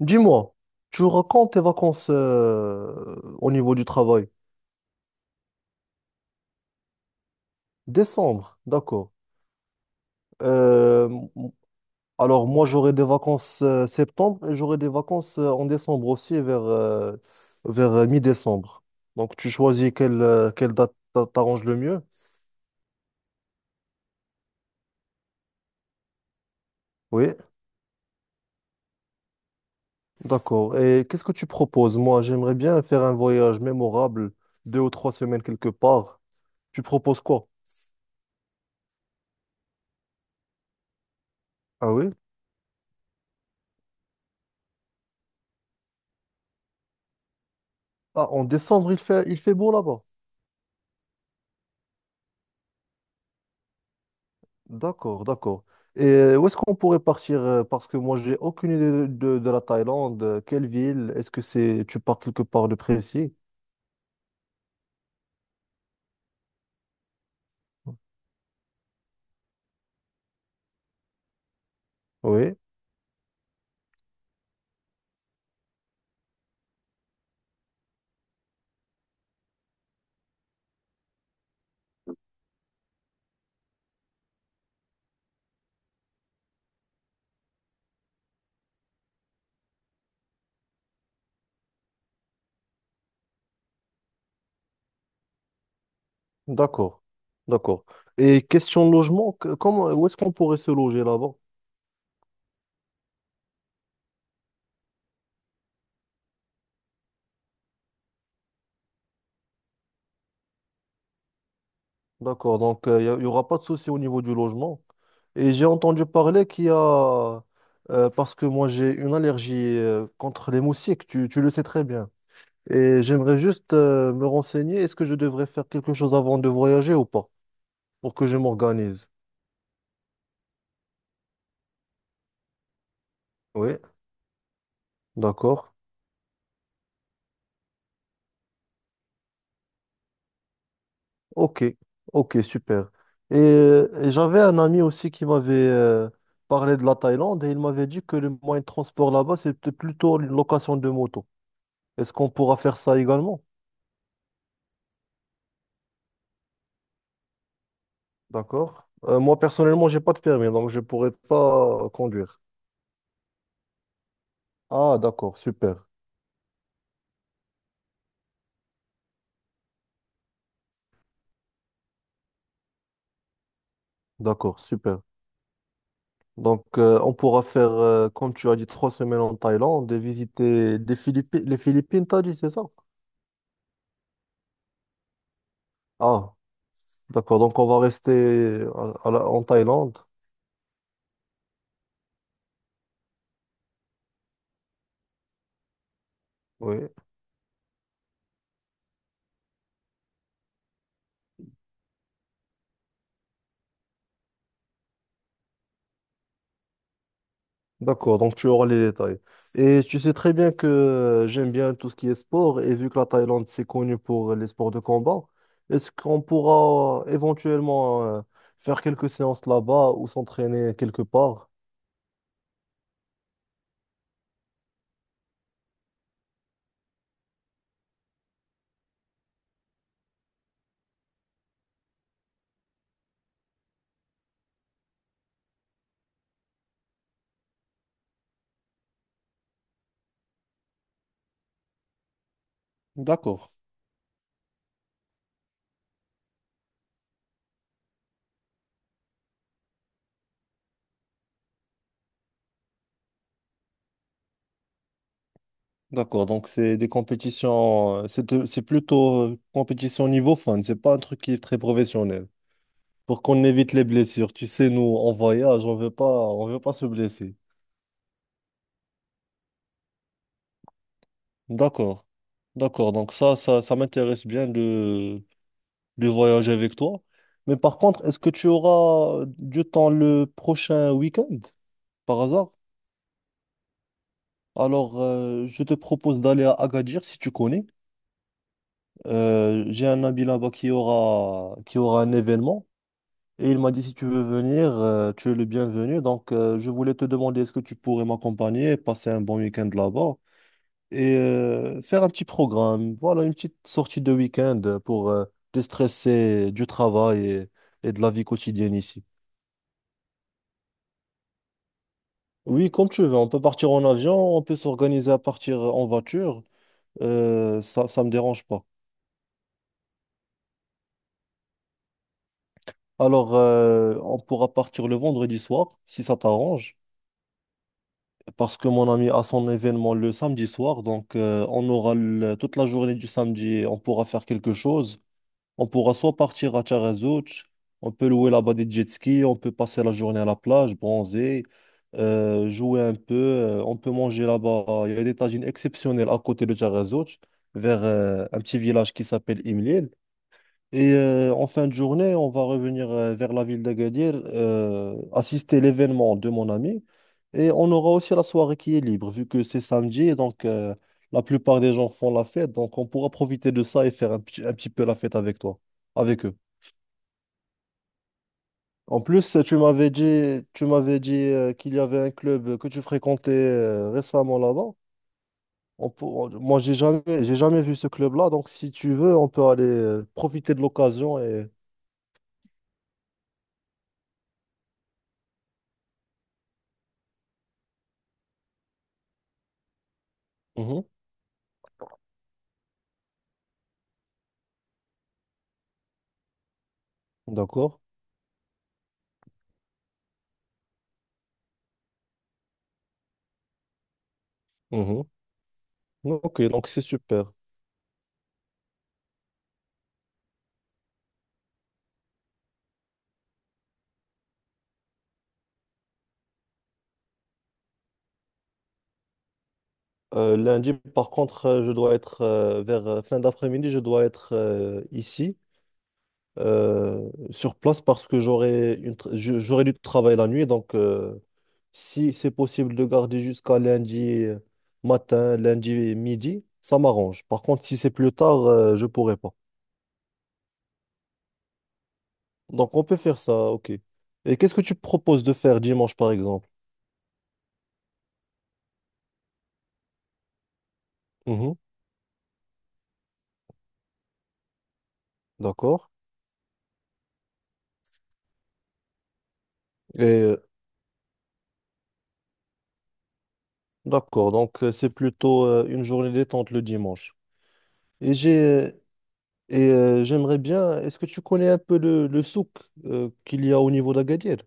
Dis-moi, tu racontes tes vacances au niveau du travail. Décembre, d'accord. Euh, m- alors moi j'aurai des vacances septembre et j'aurai des vacances en décembre aussi vers mi-décembre. Donc tu choisis quelle date t'arrange le mieux. Oui, d'accord. Et qu'est-ce que tu proposes? Moi j'aimerais bien faire un voyage mémorable, deux ou trois semaines quelque part. Tu proposes quoi? Ah oui? Ah, en décembre il fait beau là-bas. D'accord, d'accord. Et où est-ce qu'on pourrait partir? Parce que moi, j'ai aucune idée de la Thaïlande. Quelle ville? Est-ce que c'est tu pars quelque part de précis? Oui, d'accord, d'accord. Et question de logement, comment, où est-ce qu'on pourrait se loger là-bas? D'accord, donc il n'y aura pas de souci au niveau du logement. Et j'ai entendu parler qu'il y a, parce que moi j'ai une allergie contre les moustiques, tu le sais très bien. Et j'aimerais juste me renseigner, est-ce que je devrais faire quelque chose avant de voyager ou pas? Pour que je m'organise. Oui, d'accord. Ok, ok, super. Et j'avais un ami aussi qui m'avait parlé de la Thaïlande et il m'avait dit que le moyen de transport là-bas, c'était plutôt une location de moto. Est-ce qu'on pourra faire ça également? D'accord. Moi, personnellement, j'ai pas de permis, donc je pourrais pas conduire. Ah, d'accord, super. D'accord, super. Donc, on pourra faire, comme tu as dit, trois semaines en Thaïlande et visiter les Philippines, t'as dit, c'est ça? Ah. D'accord, donc on va rester en Thaïlande. Oui. D'accord, donc tu auras les détails. Et tu sais très bien que j'aime bien tout ce qui est sport, et vu que la Thaïlande, c'est connu pour les sports de combat, est-ce qu'on pourra éventuellement faire quelques séances là-bas ou s'entraîner quelque part? D'accord, d'accord. Donc c'est des compétitions, c'est plutôt compétition niveau fun, c'est pas un truc qui est très professionnel. Pour qu'on évite les blessures, tu sais, nous, en voyage, on veut pas se blesser. D'accord. D'accord. Donc ça m'intéresse bien de voyager avec toi. Mais par contre, est-ce que tu auras du temps le prochain week-end, par hasard? Alors, je te propose d'aller à Agadir si tu connais. J'ai un ami là-bas qui aura un événement. Et il m'a dit, si tu veux venir, tu es le bienvenu. Donc, je voulais te demander, est-ce que tu pourrais m'accompagner et passer un bon week-end là-bas? Et faire un petit programme. Voilà, une petite sortie de week-end pour déstresser du travail et de la vie quotidienne ici. Oui, comme tu veux, on peut partir en avion, on peut s'organiser à partir en voiture, ça, ça me dérange pas. Alors, on pourra partir le vendredi soir, si ça t'arrange, parce que mon ami a son événement le samedi soir, donc on aura toute la journée du samedi, on pourra faire quelque chose. On pourra soit partir à Taghazout, on peut louer là-bas des jet skis, on peut passer la journée à la plage, bronzer, jouer un peu, on peut manger là-bas. Il y a des tagines exceptionnelles à côté de Taghazout, vers un petit village qui s'appelle Imlil. Et en fin de journée, on va revenir vers la ville d'Agadir, assister à l'événement de mon ami. Et on aura aussi la soirée qui est libre, vu que c'est samedi, et donc la plupart des gens font la fête. Donc on pourra profiter de ça et faire un petit peu la fête avec toi, avec eux. En plus, tu m'avais dit qu'il y avait un club que tu fréquentais récemment là-bas. Moi, j'ai jamais vu ce club-là, donc si tu veux, on peut aller profiter de l'occasion et... Mhm, d'accord. Ok, donc c'est super. Lundi, par contre, je dois être vers fin d'après-midi, je dois être ici, sur place, parce que j'aurai j'aurai du travail la nuit. Donc, si c'est possible de garder jusqu'à lundi matin, lundi midi, ça m'arrange. Par contre, si c'est plus tard, je pourrai pas. Donc, on peut faire ça, ok. Et qu'est-ce que tu proposes de faire dimanche, par exemple? Mhm, d'accord. Et d'accord, donc c'est plutôt une journée détente le dimanche. Et j'ai J'aimerais bien. Est-ce que tu connais un peu le souk qu'il y a au niveau d'Agadir?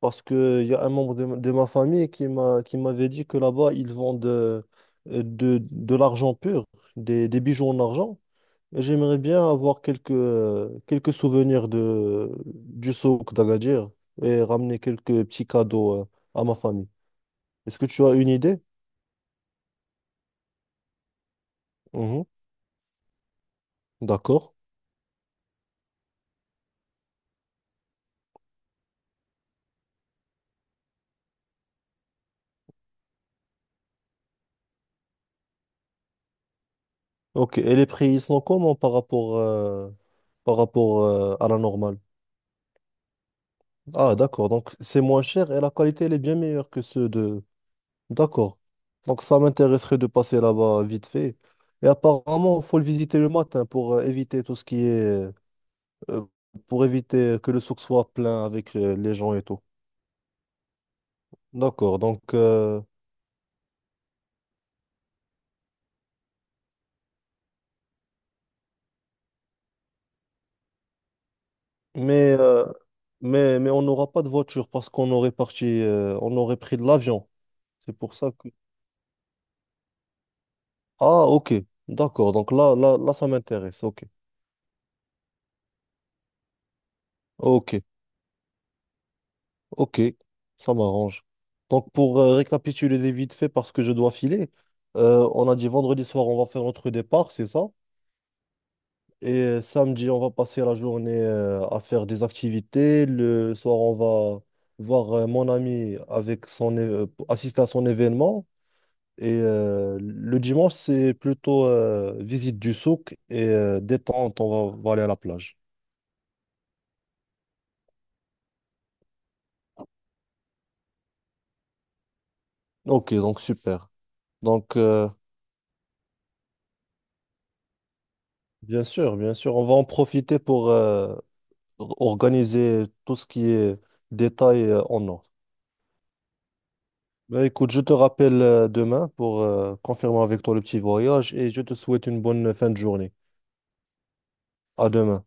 Parce que il y a un membre de ma famille qui m'avait dit que là-bas ils vendent l'argent pur, des bijoux en argent. Et j'aimerais bien avoir quelques quelques souvenirs de du souk d'Agadir et ramener quelques petits cadeaux à ma famille. Est-ce que tu as une idée? Mhm. D'accord. Ok, et les prix, ils sont comment par rapport à la normale? Ah, d'accord, donc c'est moins cher et la qualité, elle est bien meilleure que ceux de... D'accord, donc ça m'intéresserait de passer là-bas vite fait. Et apparemment, il faut le visiter le matin pour éviter tout ce qui est... euh, pour éviter que le souk soit plein avec les gens et tout. D'accord, donc... mais, euh, mais on n'aura pas de voiture parce qu'on aurait parti... on aurait pris de l'avion. C'est pour ça. Ah, ok, d'accord. Donc là, ça m'intéresse. Ok, ok, ok, ça m'arrange. Donc pour récapituler les vite fait, parce que je dois filer, on a dit vendredi soir, on va faire notre départ, c'est ça? Et samedi, on va passer la journée à faire des activités. Le soir, on va voir mon ami avec assister à son événement. Et le dimanche, c'est plutôt visite du souk et détente. On va aller à la plage. Ok, donc super. Donc, bien sûr, on va en profiter pour organiser tout ce qui est détail en ordre. Ben, écoute, je te rappelle demain pour confirmer avec toi le petit voyage et je te souhaite une bonne fin de journée. À demain.